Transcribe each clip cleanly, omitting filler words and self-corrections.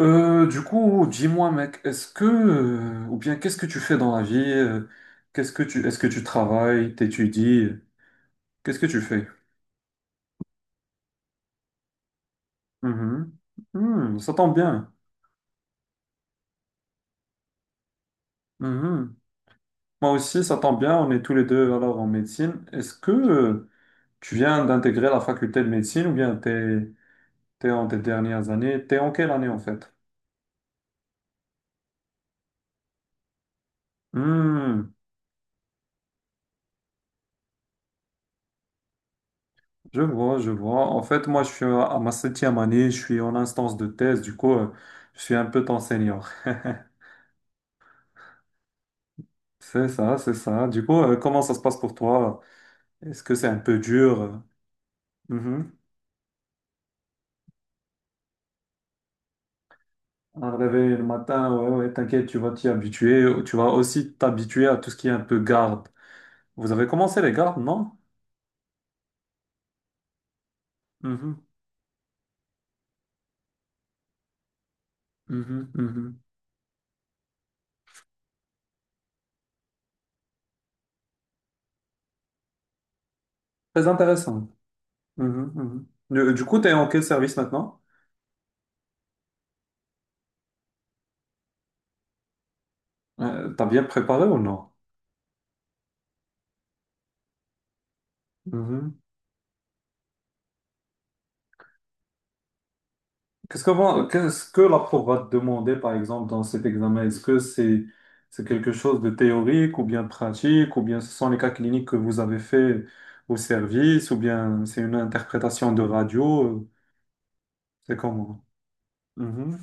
Dis-moi, mec, ou bien qu'est-ce que tu fais dans la vie? Est-ce que tu travailles, t'étudies? Qu'est-ce que tu fais? Mhm. Hmm, ça tombe bien. Mhm. Moi aussi, ça tombe bien. On est tous les deux alors en médecine. Tu viens d'intégrer la faculté de médecine ou bien t'es en tes dernières années? T'es en quelle année en fait? Hmm, je vois. En fait, moi, je suis à ma septième année. Je suis en instance de thèse. Je suis un peu ton senior. C'est ça. Comment ça se passe pour toi? Est-ce que c'est un peu dur? Mhm. Un réveil le matin, ouais, ouais, t'inquiète, tu vas t'y habituer. Tu vas aussi t'habituer à tout ce qui est un peu garde. Vous avez commencé les gardes, non? Mhm, mhm. Très intéressant. Mhm. Du coup, t'es en quel service maintenant? T'as bien préparé ou non? Qu'est-ce que la prof va te demander, par exemple, dans cet examen? Est-ce que c'est quelque chose de théorique ou bien pratique, ou bien ce sont les cas cliniques que vous avez fait au service, ou bien c'est une interprétation de radio? C'est comment? Mhm,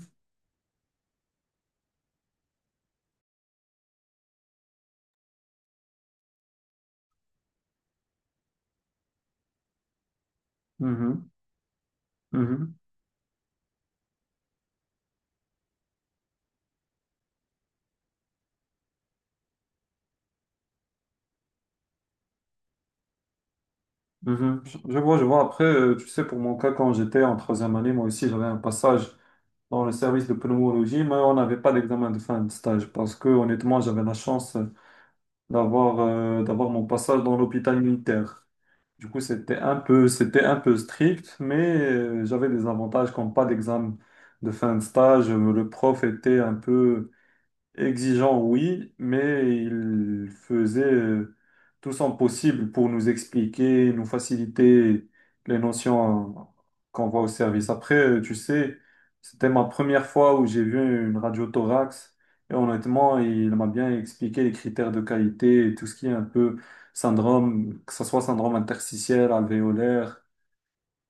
mhm, mhm, mhm. Je vois, je vois. Tu sais, pour mon cas, quand j'étais en troisième année, moi aussi, j'avais un passage dans le service de pneumologie, mais on n'avait pas d'examen de fin de stage parce que, honnêtement, j'avais la chance d'avoir mon passage dans l'hôpital militaire. Du coup, c'était un peu strict, mais j'avais des avantages comme pas d'examen de fin de stage. Le prof était un peu exigeant, oui, mais il faisait tout son possible pour nous expliquer, nous faciliter les notions qu'on voit au service. Tu sais, c'était ma première fois où j'ai vu une radio thorax et honnêtement, il m'a bien expliqué les critères de qualité et tout ce qui est un peu syndrome, que ce soit syndrome interstitiel, alvéolaire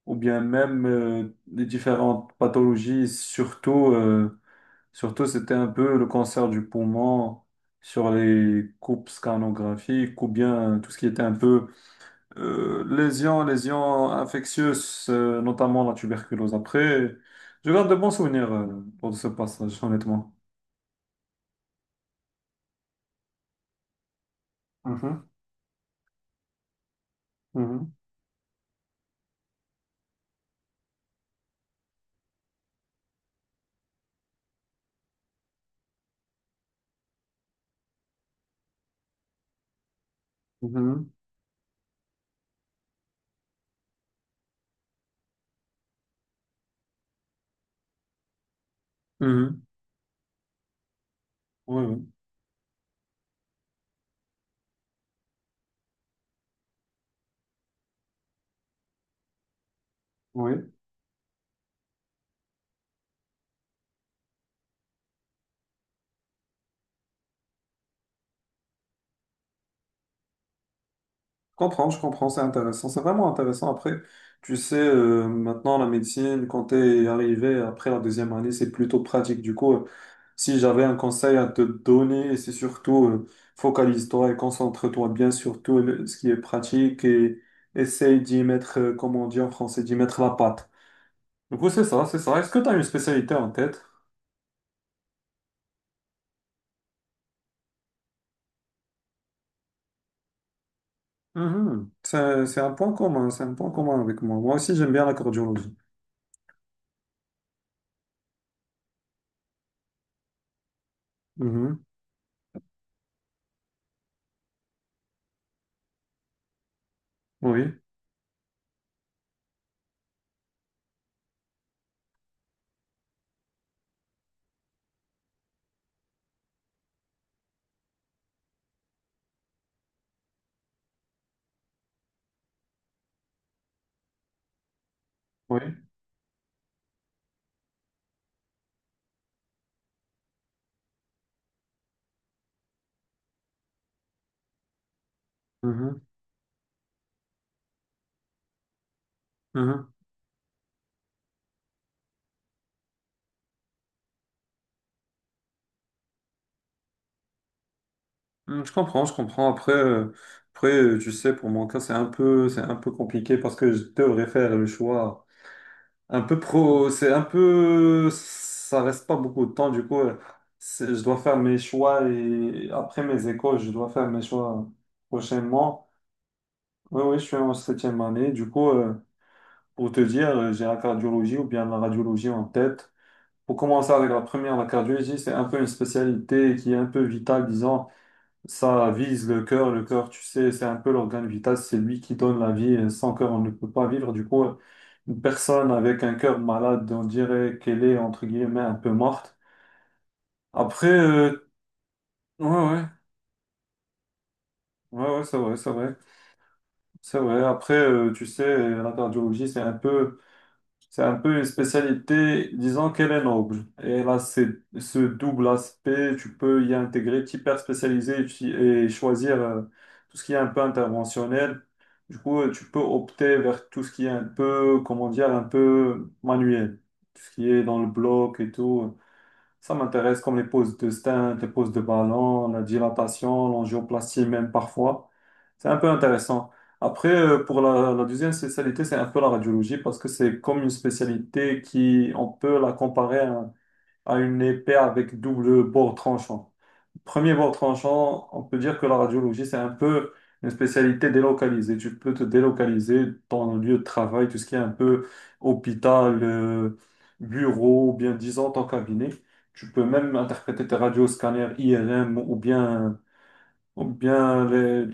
ou bien même les différentes pathologies, surtout. Surtout, c'était un peu le cancer du poumon sur les coupes scanographiques ou bien tout ce qui était un peu lésions, lésions infectieuses, notamment la tuberculose. Je garde de bons souvenirs pour ce passage, honnêtement. Mhm, mhm, mhm. Mhm. Oui, oui. Oui. Je comprends, c'est intéressant, c'est vraiment intéressant. Tu sais, maintenant la médecine, quand t'es arrivé après la deuxième année, c'est plutôt pratique. Si j'avais un conseil à te donner, c'est surtout focalise-toi et concentre-toi bien sur ce qui est pratique et essaye d'y mettre, comme on dit en français, d'y mettre la patte. Du coup, c'est ça. Est-ce que tu as une spécialité en tête? Mhm. C'est un point commun, c'est un point commun avec moi. Moi aussi, j'aime bien la cardiologie. Mhm. Oui, oui. Mhm. Mhm. Hmm, je comprends, je comprends. Après, tu sais, pour mon cas, c'est un peu compliqué parce que je devrais faire le choix un peu pro. C'est un peu, ça reste pas beaucoup de temps. Du coup, je dois faire mes choix et après mes écoles, je dois faire mes choix prochainement. Oui, oui, je suis en septième année. Du coup, j'ai la cardiologie ou bien la radiologie en tête. Pour commencer avec la première, la cardiologie, c'est un peu une spécialité qui est un peu vitale, disons. Ça vise le cœur. Le cœur, tu sais, c'est un peu l'organe vital. C'est lui qui donne la vie. Et sans cœur, on ne peut pas vivre. Du coup, une personne avec un cœur malade, on dirait qu'elle est, entre guillemets, un peu morte. Après, euh, ouais, ouais, ouais, ouais, c'est vrai, c'est vrai. C'est vrai. Tu sais, la cardiologie, c'est un peu une spécialité, disons qu'elle est noble. Et elle a ce double aspect, tu peux y intégrer, t'hyper spécialiser et choisir tout ce qui est un peu interventionnel. Tu peux opter vers tout ce qui est un peu, comment dire, un peu manuel. Tout ce qui est dans le bloc et tout. Ça m'intéresse comme les poses de stint, les poses de ballon, la dilatation, l'angioplastie même parfois. C'est un peu intéressant. Pour la deuxième spécialité, c'est un peu la radiologie parce que c'est comme une spécialité qui, on peut la comparer à une épée avec double bord tranchant. Premier bord tranchant, on peut dire que la radiologie, c'est un peu une spécialité délocalisée. Tu peux te délocaliser dans le lieu de travail, tout ce qui est un peu hôpital, bureau, ou bien disant ton cabinet. Tu peux même interpréter tes radios, scanners, IRM ou bien, les-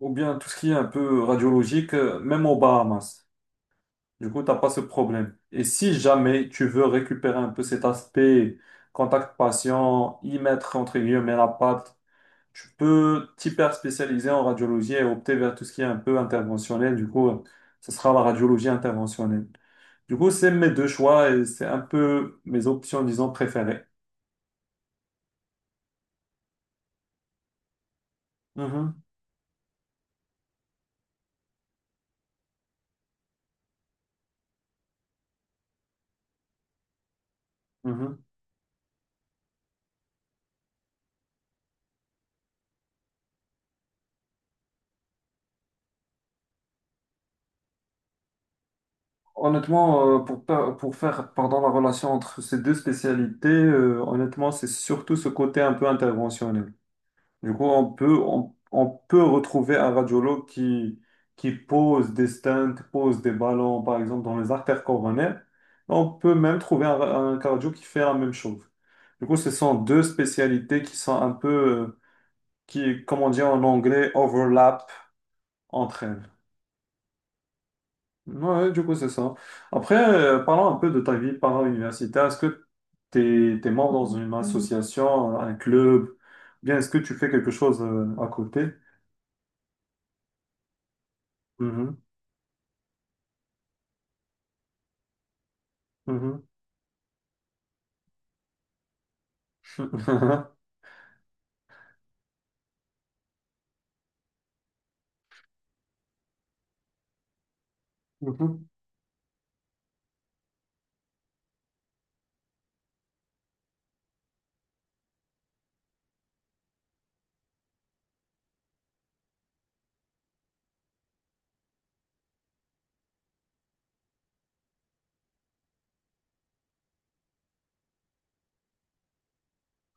ou bien tout ce qui est un peu radiologique, même aux Bahamas. Du coup, tu n'as pas ce problème. Et si jamais tu veux récupérer un peu cet aspect contact patient, y mettre entre guillemets la patte, tu peux t'hyper spécialiser en radiologie et opter vers tout ce qui est un peu interventionnel. Ce sera la radiologie interventionnelle. Du coup, c'est mes deux choix et c'est un peu mes options, disons, préférées. Mhm, mhm. Pour faire pardon, la relation entre ces deux spécialités, honnêtement, c'est surtout ce côté un peu interventionnel. Du coup, on peut retrouver un radiologue qui pose des stents, pose des ballons, par exemple, dans les artères coronaires. On peut même trouver un cardio qui fait la même chose. Ce sont deux spécialités qui sont un peu, comme on dit en anglais, overlap entre elles. Ouais, du coup, c'est ça. Parlons un peu de ta vie para-universitaire. Est-ce que tu es membre dans une association, un club, ou bien est-ce que tu fais quelque chose à côté? Mhm, mhm. Mhm.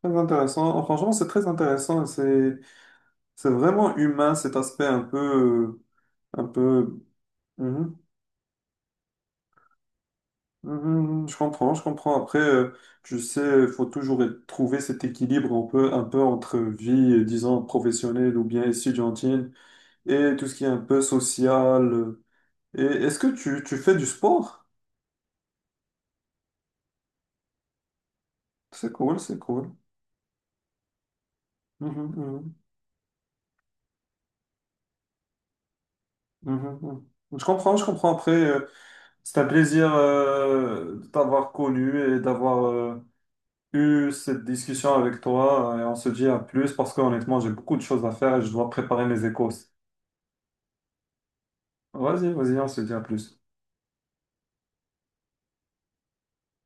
Très intéressant. Oh, franchement, c'est très intéressant. C'est vraiment humain cet aspect un peu, un peu. Mhm. Mhm. Je comprends, je comprends. Tu sais, il faut toujours trouver cet équilibre un peu entre vie, disons professionnelle ou bien étudiantine et tout ce qui est un peu social. Et est-ce que tu fais du sport? C'est cool, c'est cool. Mhm, mhm. Mhm, mhm. Je comprends, je comprends. Après. C'est un plaisir de t'avoir connu et d'avoir eu cette discussion avec toi. Et on se dit à plus parce que honnêtement, j'ai beaucoup de choses à faire et je dois préparer mes échos. Vas-y, vas-y, on se dit à plus.